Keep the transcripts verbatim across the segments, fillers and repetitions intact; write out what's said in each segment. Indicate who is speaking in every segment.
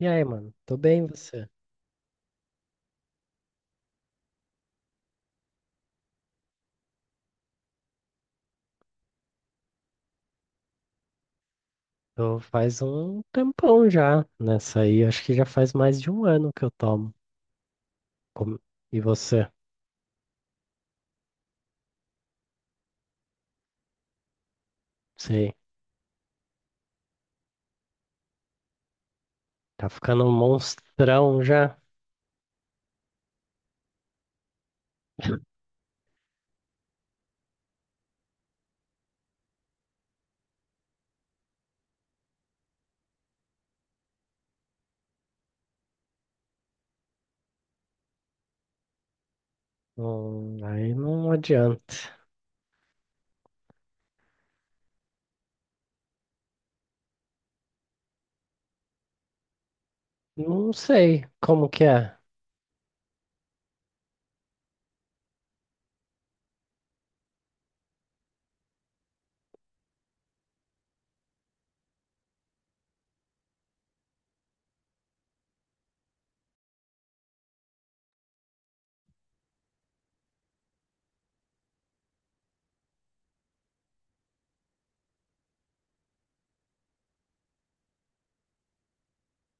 Speaker 1: E aí, mano? Tô bem, e você? Tô faz um tempão já nessa aí. Acho que já faz mais de um ano que eu tomo. Como- E você? Sei. Tá ficando um monstrão já? Hum, aí não adianta. Não sei como que é.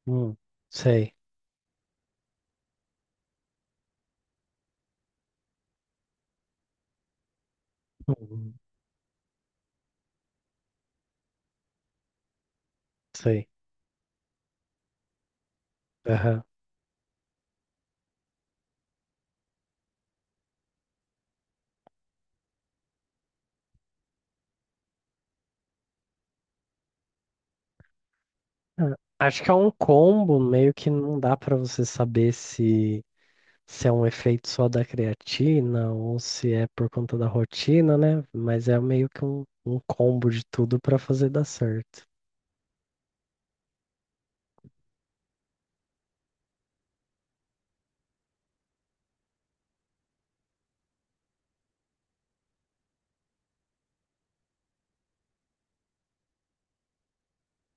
Speaker 1: Hum, sei. Hum, sei. Aham. Ah, acho que é um combo, meio que não dá pra você saber se se é um efeito só da creatina ou se é por conta da rotina, né? Mas é meio que um, um combo de tudo para fazer dar certo.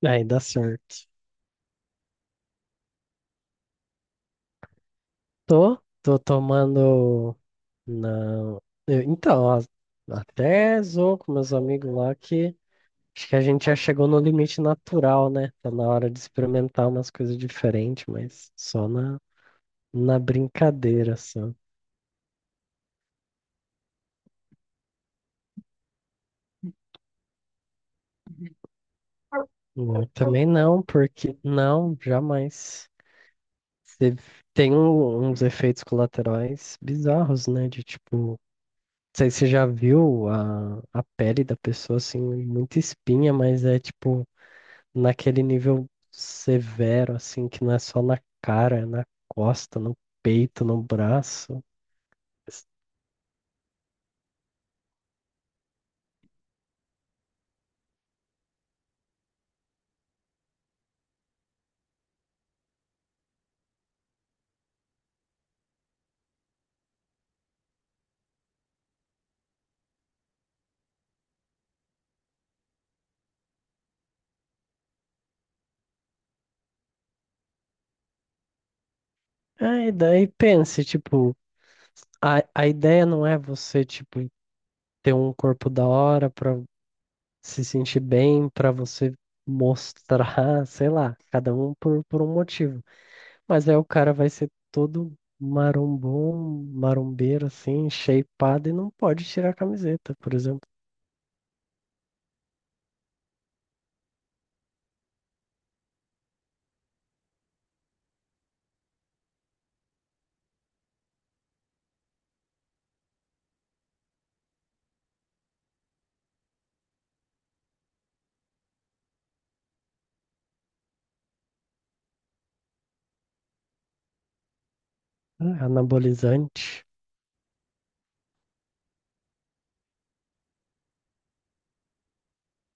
Speaker 1: Aí dá certo. Tô, tô tomando. Não. eu- Então, ó, até zoou com meus amigos lá que acho que a gente já chegou no limite natural, né? Tá na hora de experimentar umas coisas diferentes, mas só na, na brincadeira, só. Eu também não, porque não, jamais. Você tem um- uns efeitos colaterais bizarros, né? De tipo, não sei se você já viu a, a pele da pessoa, assim, muita espinha, mas é tipo naquele nível severo, assim, que não é só na cara, é na costa, no peito, no braço. É, e daí pense, tipo, a, a ideia não é você, tipo, ter um corpo da hora pra se sentir bem, pra você mostrar, sei lá, cada um por, por um motivo. Mas aí o cara vai ser todo marombom, marombeiro, assim, shapeado e não pode tirar a camiseta, por exemplo. É anabolizante,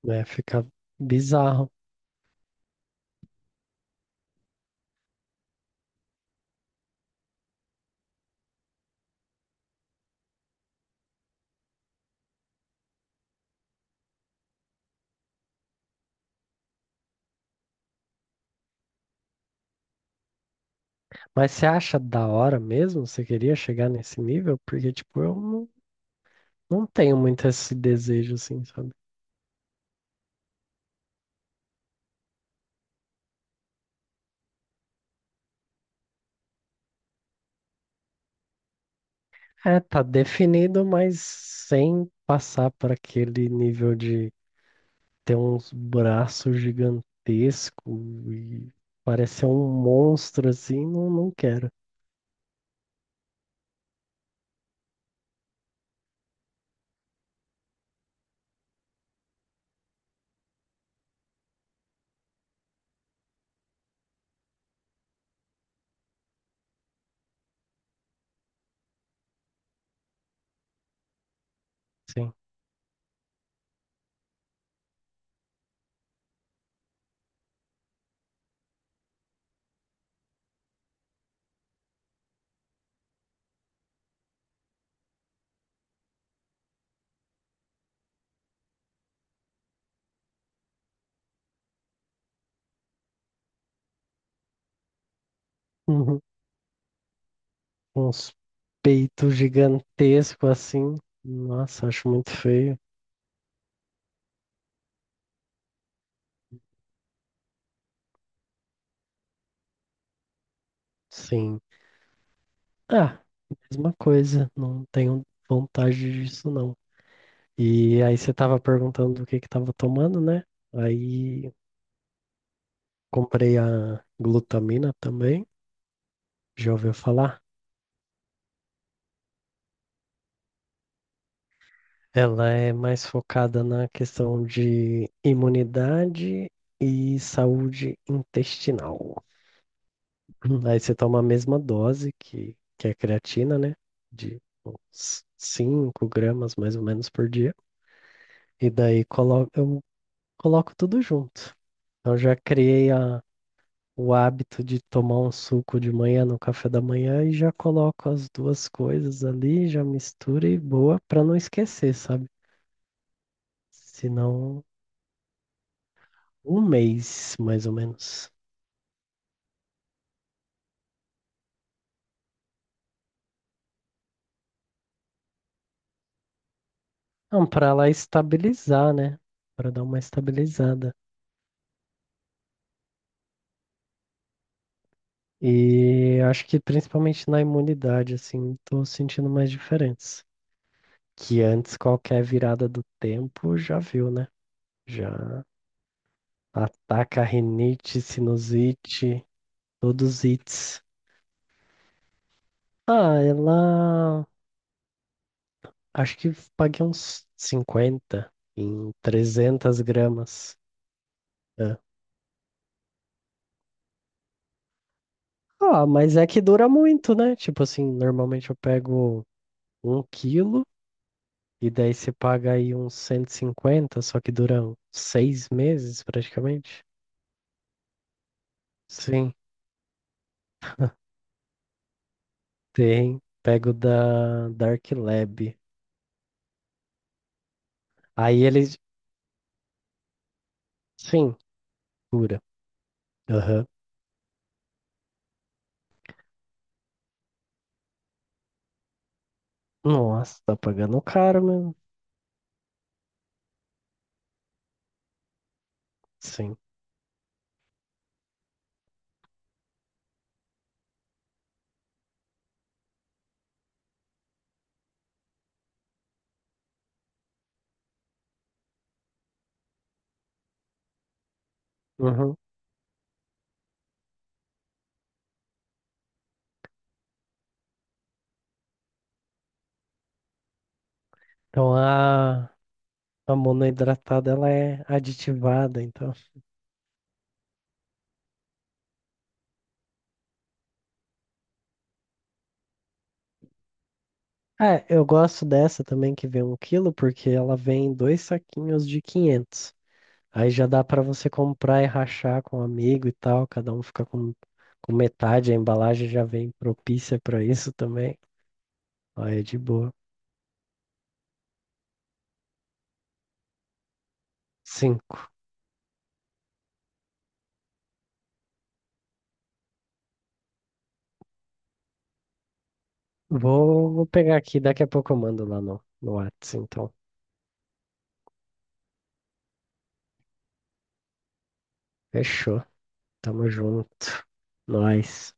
Speaker 1: né? Fica bizarro. Mas você acha da hora mesmo? Você queria chegar nesse nível? Porque, tipo, eu não, não tenho muito esse desejo, assim, sabe? É, tá definido, mas sem passar para aquele nível de ter uns braços gigantescos e parecer um monstro, assim, não, não quero. Sim. Uhum. Uns peitos gigantescos assim. Nossa, acho muito feio. Sim. Ah, mesma coisa. Não tenho vontade disso, não. E aí você tava perguntando o que que tava tomando, né? Aí comprei a glutamina também. Já ouviu falar? Ela é mais focada na questão de imunidade e saúde intestinal. Aí você toma a mesma dose que, que a creatina, né? De uns cinco gramas mais ou menos por dia. E daí colo eu coloco tudo junto. Então já criei a, o hábito de tomar um suco de manhã no café da manhã e já coloco as duas coisas ali, já misturo e boa para não esquecer, sabe? Senão um mês mais ou menos. Não, para lá estabilizar, né? Para dar uma estabilizada. E acho que principalmente na imunidade, assim, tô sentindo mais diferença. Que antes qualquer virada do tempo já viu, né? Já ataca rinite, sinusite, todos os ites. Ah, ela. Acho que paguei uns cinquenta em trezentas gramas. É. Ah, mas é que dura muito, né? Tipo assim, normalmente eu pego um quilo. E daí você paga aí uns cento e cinquenta, só que duram seis meses praticamente. Sim, tem. Pego da Dark Lab. Aí eles. Sim, cura. Aham. Nossa, tá pagando caro mesmo. Sim. Uhum. Então a, a monoidratada ela é aditivada, então. É, eu gosto dessa também que vem um quilo, porque ela vem em dois saquinhos de quinhentos. Aí já dá pra você comprar e rachar com um amigo e tal, cada um fica com, com metade, a embalagem já vem propícia pra isso também. Aí é de boa. Cinco. Vou, vou pegar aqui, daqui a pouco eu mando lá no, no Whats, então. Fechou. Tamo junto. Nós.